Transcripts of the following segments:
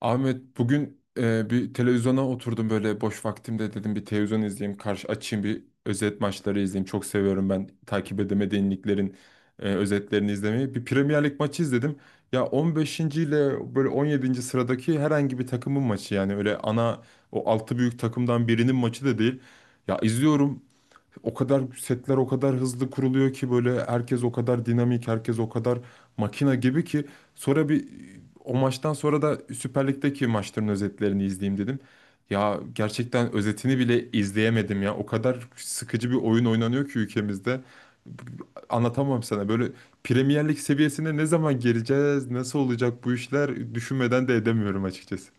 Ahmet, bugün bir televizyona oturdum. Böyle boş vaktimde dedim bir televizyon izleyeyim, karşı açayım, bir özet maçları izleyeyim. Çok seviyorum ben takip edemediğim liglerin özetlerini izlemeyi. Bir Premier Lig maçı izledim, ya 15. ile böyle 17. sıradaki herhangi bir takımın maçı, yani öyle ana, o altı büyük takımdan birinin maçı da değil. Ya, izliyorum, o kadar setler o kadar hızlı kuruluyor ki, böyle herkes o kadar dinamik, herkes o kadar makina gibi ki. Sonra bir, o maçtan sonra da Süper Lig'deki maçların özetlerini izleyeyim dedim. Ya, gerçekten özetini bile izleyemedim ya. O kadar sıkıcı bir oyun oynanıyor ki ülkemizde. Anlatamam sana. Böyle Premier Lig seviyesine ne zaman geleceğiz, nasıl olacak bu işler, düşünmeden de edemiyorum açıkçası.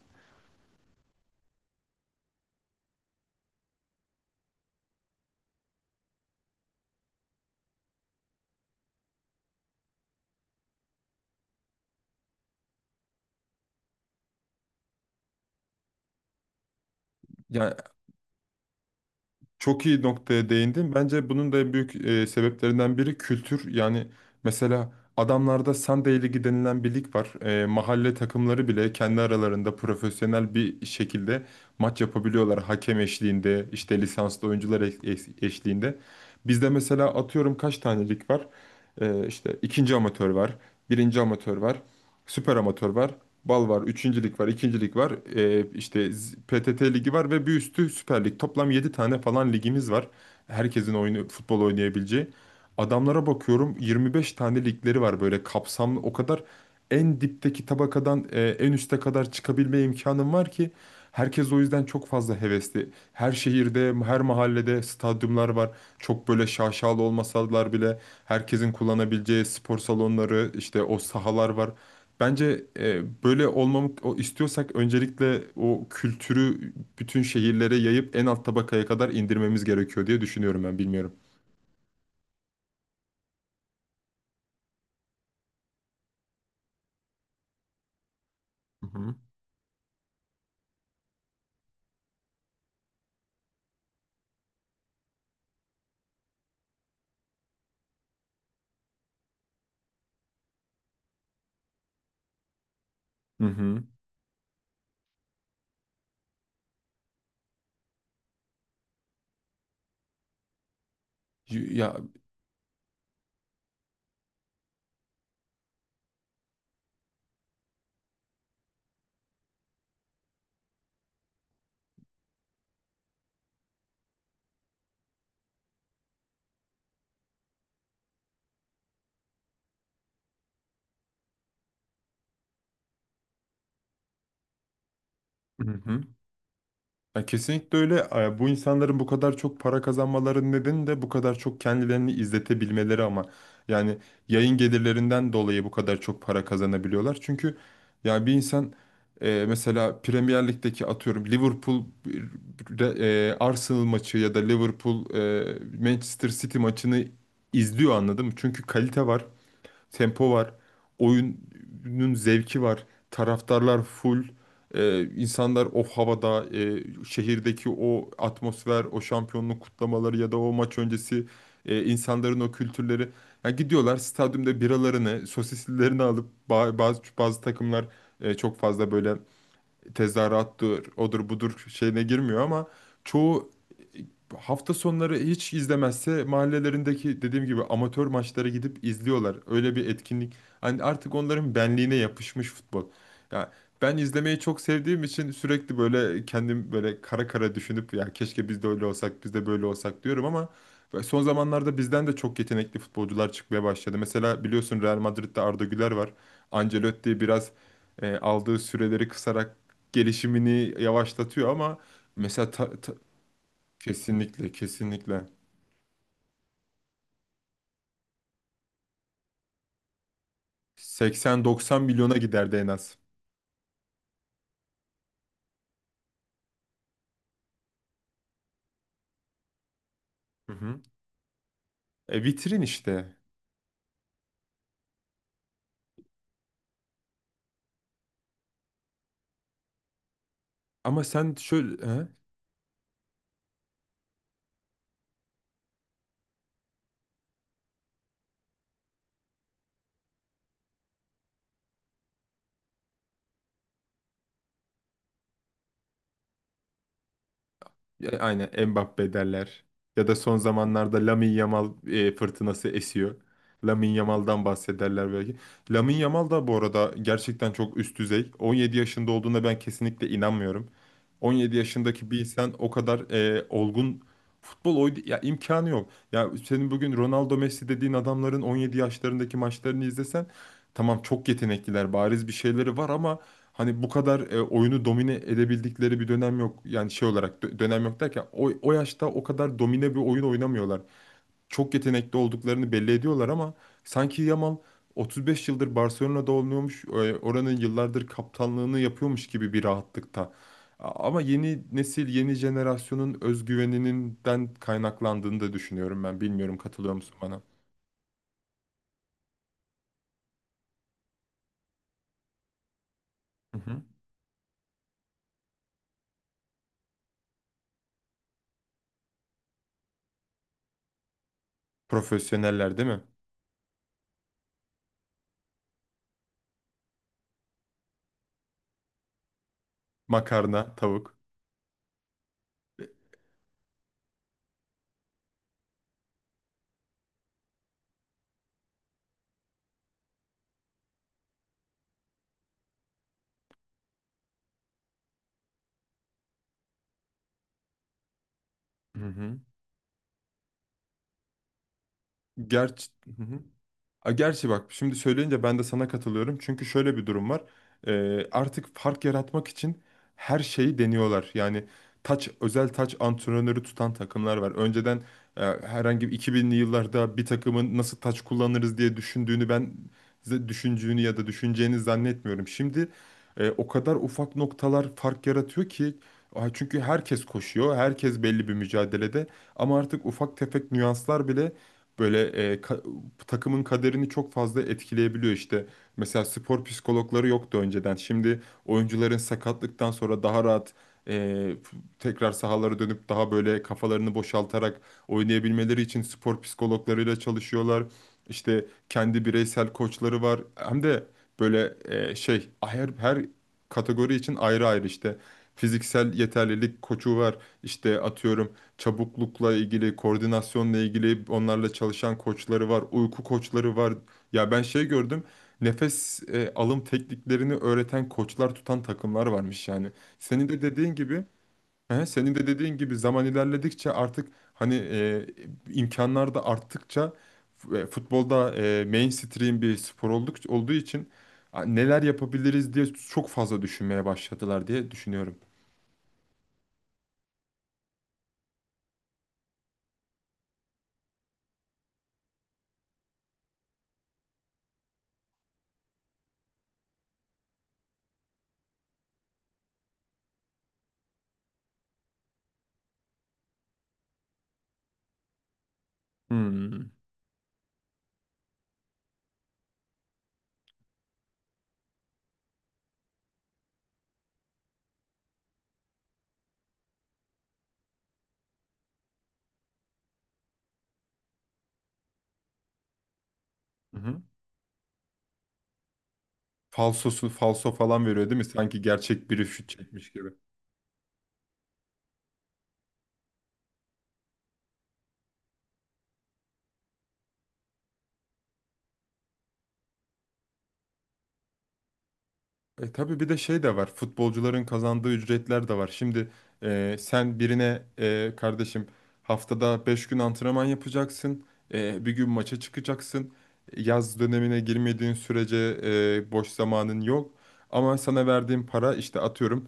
Yani, çok iyi noktaya değindin. Bence bunun da en büyük sebeplerinden biri kültür. Yani mesela adamlarda Sunday Ligi denilen bir lig var. Mahalle takımları bile kendi aralarında profesyonel bir şekilde maç yapabiliyorlar. Hakem eşliğinde, işte lisanslı oyuncular eşliğinde. Bizde mesela atıyorum kaç tane lig var? İşte ikinci amatör var, birinci amatör var, süper amatör var. Bal var, üçüncülük var, ikincilik var, işte PTT ligi var ve bir üstü Süper Lig. Toplam 7 tane falan ligimiz var. Herkesin oyunu, futbol oynayabileceği. Adamlara bakıyorum 25 tane ligleri var böyle kapsamlı. O kadar en dipteki tabakadan en üste kadar çıkabilme imkanım var ki, herkes o yüzden çok fazla hevesli. Her şehirde, her mahallede stadyumlar var. Çok böyle şaşalı olmasalar bile herkesin kullanabileceği spor salonları, işte o sahalar var. Bence böyle olmamı istiyorsak öncelikle o kültürü bütün şehirlere yayıp en alt tabakaya kadar indirmemiz gerekiyor diye düşünüyorum ben, bilmiyorum. Hı hı. Hı hı. Ya, hı hı. Ya, kesinlikle öyle. Bu insanların bu kadar çok para kazanmalarının nedeni de bu kadar çok kendilerini izletebilmeleri ama. Yani yayın gelirlerinden dolayı bu kadar çok para kazanabiliyorlar. Çünkü ya bir insan mesela Premier Lig'deki atıyorum Liverpool Arsenal maçı ya da Liverpool Manchester City maçını izliyor, anladın mı? Çünkü kalite var, tempo var. Oyunun zevki var. Taraftarlar full. İnsanlar o havada, şehirdeki o atmosfer, o şampiyonluk kutlamaları ya da o maç öncesi insanların o kültürleri. Yani gidiyorlar stadyumda biralarını, sosislilerini alıp bazı bazı takımlar çok fazla böyle tezahürattır, odur budur şeyine girmiyor ama çoğu hafta sonları hiç izlemezse mahallelerindeki dediğim gibi amatör maçlara gidip izliyorlar. Öyle bir etkinlik. Hani artık onların benliğine yapışmış futbol. Ya, ben izlemeyi çok sevdiğim için sürekli böyle kendim böyle kara kara düşünüp ya keşke biz de öyle olsak, biz de böyle olsak diyorum ama son zamanlarda bizden de çok yetenekli futbolcular çıkmaya başladı. Mesela biliyorsun Real Madrid'de Arda Güler var. Ancelotti biraz aldığı süreleri kısarak gelişimini yavaşlatıyor ama mesela kesinlikle kesinlikle 80-90 milyona giderdi en az. Hı hı. Vitrin işte. Ama sen şöyle... he? Aynen, Mbappe derler. Ya da son zamanlarda Lamine Yamal fırtınası esiyor. Lamine Yamal'dan bahsederler belki. Lamine Yamal da bu arada gerçekten çok üst düzey. 17 yaşında olduğuna ben kesinlikle inanmıyorum. 17 yaşındaki bir insan o kadar olgun futbol oydu ya, imkanı yok. Ya senin bugün Ronaldo Messi dediğin adamların 17 yaşlarındaki maçlarını izlesen, tamam çok yetenekliler, bariz bir şeyleri var ama hani bu kadar oyunu domine edebildikleri bir dönem yok. Yani şey olarak dönem yok derken o yaşta o kadar domine bir oyun oynamıyorlar. Çok yetenekli olduklarını belli ediyorlar ama sanki Yamal 35 yıldır Barcelona'da oynuyormuş, oranın yıllardır kaptanlığını yapıyormuş gibi bir rahatlıkta. Ama yeni nesil, yeni jenerasyonun özgüveninden kaynaklandığını da düşünüyorum ben. Bilmiyorum, katılıyor musun bana? Hı hı. Profesyoneller değil mi? Makarna, tavuk. Hı hı. Gerçi, hı hı. Gerçi bak, şimdi söyleyince ben de sana katılıyorum. Çünkü şöyle bir durum var. Artık fark yaratmak için her şeyi deniyorlar. Yani taç, özel taç antrenörü tutan takımlar var. Önceden herhangi bir 2000'li yıllarda bir takımın nasıl taç kullanırız diye düşündüğünü ben size düşündüğünü ya da düşüneceğini zannetmiyorum. Şimdi o kadar ufak noktalar fark yaratıyor ki, çünkü herkes koşuyor, herkes belli bir mücadelede ama artık ufak tefek nüanslar bile böyle e, ka- takımın kaderini çok fazla etkileyebiliyor işte. Mesela spor psikologları yoktu önceden. Şimdi oyuncuların sakatlıktan sonra daha rahat e, tekrar sahalara dönüp daha böyle kafalarını boşaltarak oynayabilmeleri için spor psikologlarıyla çalışıyorlar. İşte kendi bireysel koçları var. Hem de böyle şey her kategori için ayrı ayrı işte fiziksel yeterlilik koçu var. İşte atıyorum çabuklukla ilgili, koordinasyonla ilgili onlarla çalışan koçları var, uyku koçları var. Ya ben şey gördüm. Nefes alım tekniklerini öğreten koçlar tutan takımlar varmış yani. Senin de dediğin gibi, he, senin de dediğin gibi zaman ilerledikçe artık hani imkanlar da arttıkça futbolda mainstream bir spor olduğu için neler yapabiliriz diye çok fazla düşünmeye başladılar diye düşünüyorum. Hmm. Falsosu falso falan veriyor değil mi? Sanki gerçek biri şut çekmiş gibi. E tabii bir de şey de var. Futbolcuların kazandığı ücretler de var. Şimdi sen birine kardeşim haftada 5 gün antrenman yapacaksın. Bir gün maça çıkacaksın. Yaz dönemine girmediğin sürece boş zamanın yok. Ama sana verdiğim para işte atıyorum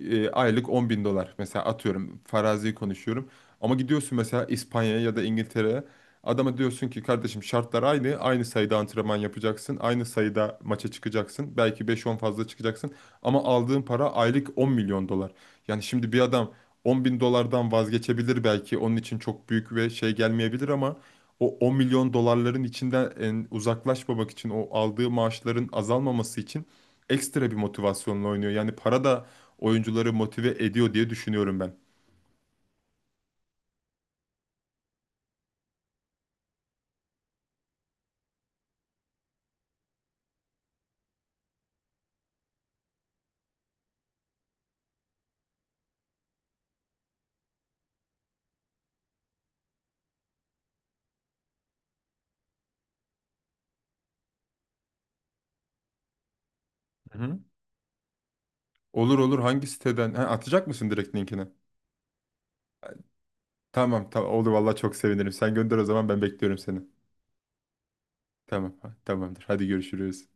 aylık 10.000 dolar. Mesela atıyorum, farazi konuşuyorum. Ama gidiyorsun mesela İspanya'ya ya da İngiltere'ye. Adama diyorsun ki kardeşim şartlar aynı. Aynı sayıda antrenman yapacaksın. Aynı sayıda maça çıkacaksın. Belki beş on fazla çıkacaksın. Ama aldığın para aylık 10 milyon dolar. Yani şimdi bir adam 10.000 dolardan vazgeçebilir belki. Onun için çok büyük ve şey gelmeyebilir ama o 10 milyon dolarların içinden uzaklaşmamak için o aldığı maaşların azalmaması için ekstra bir motivasyonla oynuyor. Yani para da oyuncuları motive ediyor diye düşünüyorum ben. Hı hı. Olur olur, hangi siteden? Ha, atacak mısın direkt linkini? Tamam tamam, oldu vallahi, çok sevinirim. Sen gönder o zaman, ben bekliyorum seni. Tamam, tamamdır. Hadi görüşürüz.